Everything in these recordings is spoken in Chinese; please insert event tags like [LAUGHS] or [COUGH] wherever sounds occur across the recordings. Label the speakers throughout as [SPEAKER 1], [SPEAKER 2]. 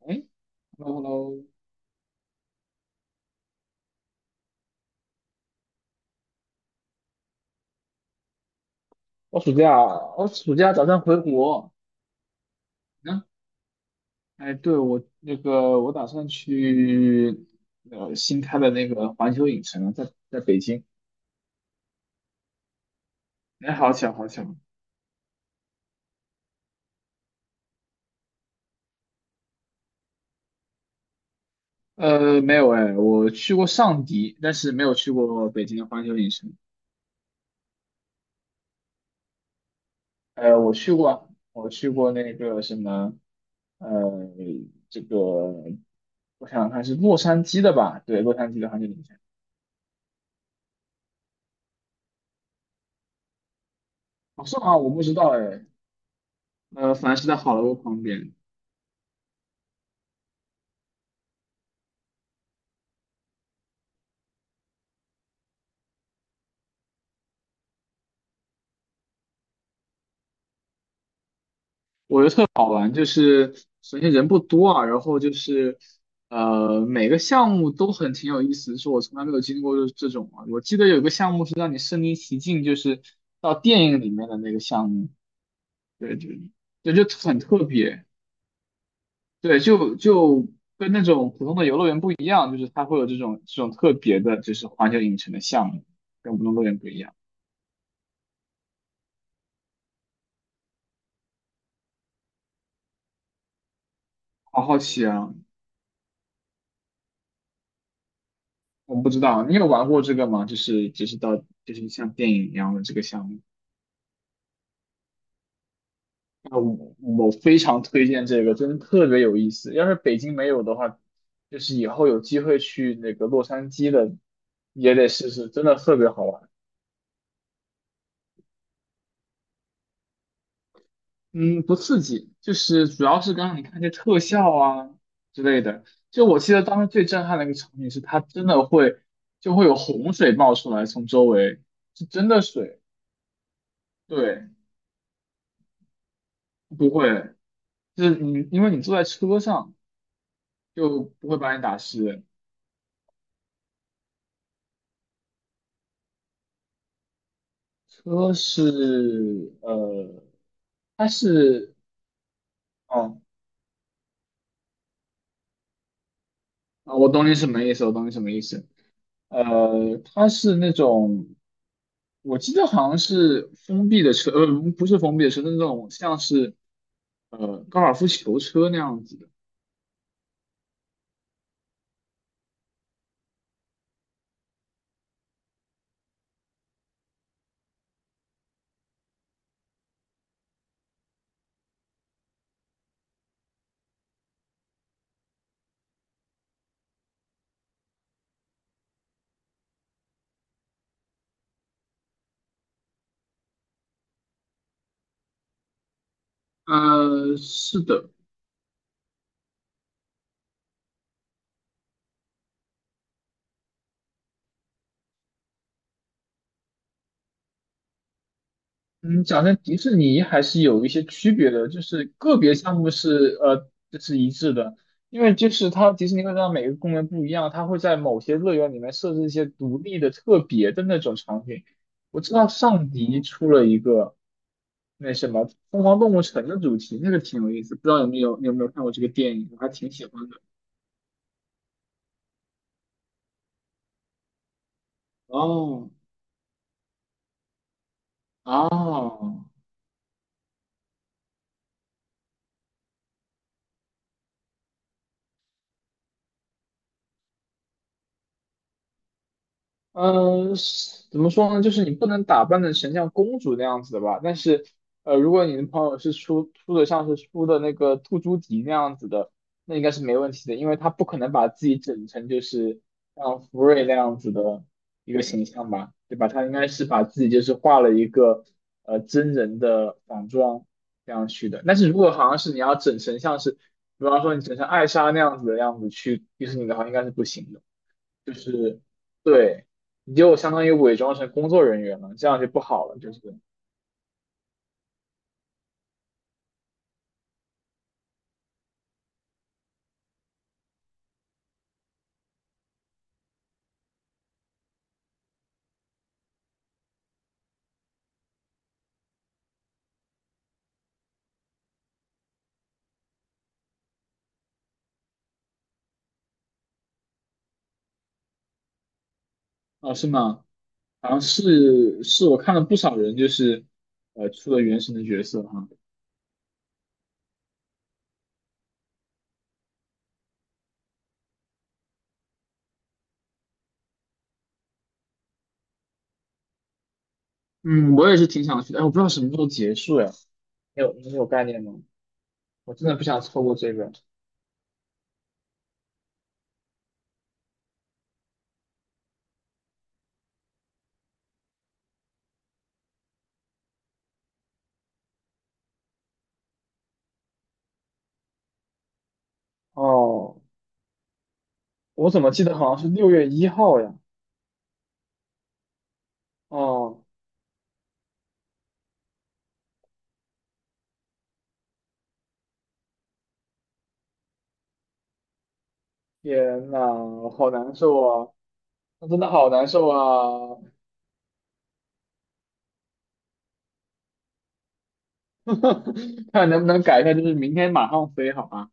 [SPEAKER 1] 哎，hello hello，我暑假我暑假打算回国。嗯，哎，对，我那个我打算去新开的那个环球影城，在北京。哎，好巧好巧。呃，没有哎，我去过上迪，但是没有去过北京的环球影城。我去过那个什么，呃，这个我想想看是洛杉矶的吧？对，洛杉矶的环球影城。好像啊，我不知道哎。呃，反正是在好莱坞旁边。好玩，就是首先人不多啊，然后就是每个项目都很挺有意思，就是我从来没有经历过这种啊。我记得有个项目是让你身临其境，就是到电影里面的那个项目，对对对，就很特别，对，跟那种普通的游乐园不一样，就是它会有这种特别的，就是环球影城的项目，跟普通乐园不一样。好好奇啊，不知道你有玩过这个吗？就是就是到就是像电影一样的这个项目。啊，我非常推荐这个，真的特别有意思。要是北京没有的话，就是以后有机会去那个洛杉矶的，也得试试，真的特别好玩。嗯，不刺激，就是主要是刚刚你看这特效啊之类的。就我记得当时最震撼的一个场景是，它真的会会有洪水冒出来，从周围是真的水，对，不会，就是因为你坐在车上就不会把你打湿。车是呃。它是，哦，我懂你什么意思，我懂你什么意思。呃，它是那种，我记得好像是封闭的车，呃，不是封闭的车，是那种像是高尔夫球车那样子的。呃，是的，嗯，讲真，迪士尼还是有一些区别的，就是个别项目是这是一致的，因为就是它迪士尼会让每个公园不一样，它会在某些乐园里面设置一些独立的、特别的那种场景。我知道上迪出了一个那什么《疯狂动物城》的主题，那个挺有意思，不知道有没有你有没有看过这个电影，我还挺喜欢的。哦，哦，嗯，是怎么说呢？就是你不能打扮的成像公主那样子的吧。但是，呃，如果你的朋友是出的出的那个兔朱迪那样子的，那应该是没问题的，因为他不可能把自己整成就是像福瑞那样子的一个形象吧，对吧？他应该是把自己就是画了一个真人的仿妆这样去的。但是如果好像是你要整成像是，比方说你整成艾莎那样子的样子去迪士尼的话，应该是不行的。就是对，你就相当于伪装成工作人员了，这样就不好了。就是哦，是吗？好像是我看了不少人，就是出了原神的角色哈。嗯，我也是挺想去的，哎，我不知道什么时候结束呀？你有概念吗？我真的不想错过这个。哦，我怎么记得好像是6月1号呀？哦，天呐，好难受啊！我真的好难受啊！[LAUGHS] 看能不能改一下，就是明天马上飞好吗？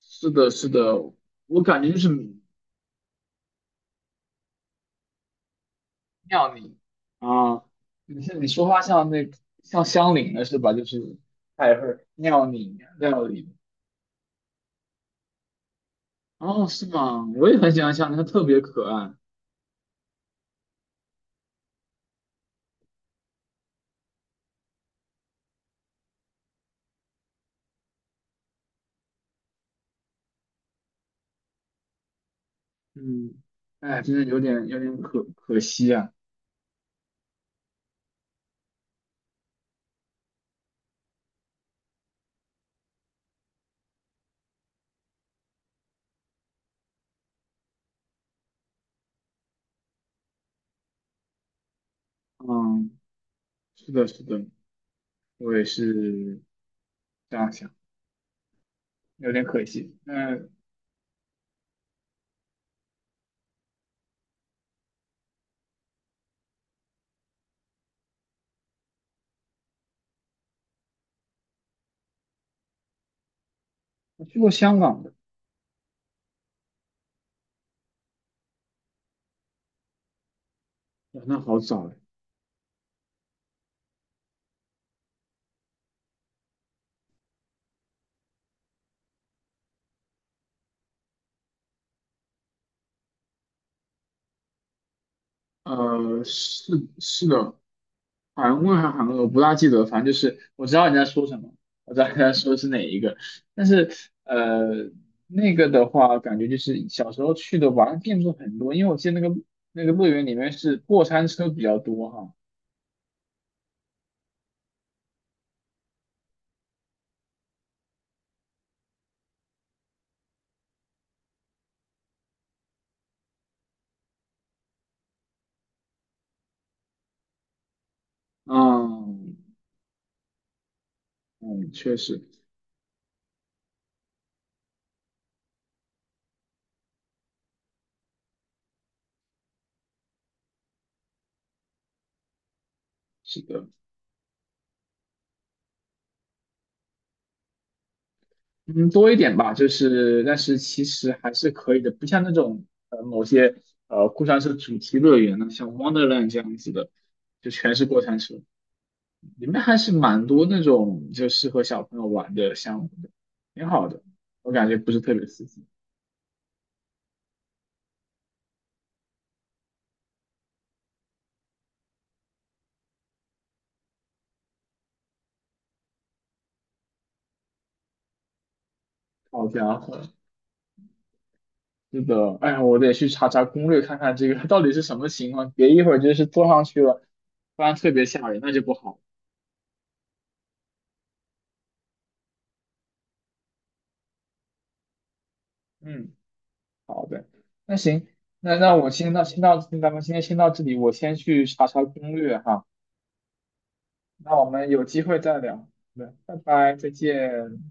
[SPEAKER 1] 是的，是的，我感觉就是妙你啊，你说话像那像乡里的是吧？就是太会妙你料理哦，是吗？我也很喜欢像他，它特别可爱。嗯，哎，真的有点可可惜啊。嗯，是的，是的，我也是这样想，有点可惜。嗯，我去过香港的，哇那好早哎。呃，是是的，韩问还是韩俄，我不大记得，反正就是我知道你在说什么，我知道你在说是哪一个，但是呃，那个的话，感觉就是小时候去的玩的店铺很多，因为我记得那个乐园里面是过山车比较多哈，嗯嗯，确实是的，嗯，多一点吧，就是但是其实还是可以的，不像那种某些过山车主题乐园呢，像 Wonderland 这样子的，就全是过山车，里面还是蛮多那种就适合小朋友玩的项目的，挺好的。我感觉不是特别刺激。好家伙，是的，哎呀，我得去查查攻略，看看这个 [LAUGHS] 到底是什么情况，别一会儿就是坐上去了，不然特别吓人，那就不好。嗯，好的，那行，那那我先到先到，咱们今天先到这里，我先去查查攻略哈。那我们有机会再聊。好的，拜拜，再见。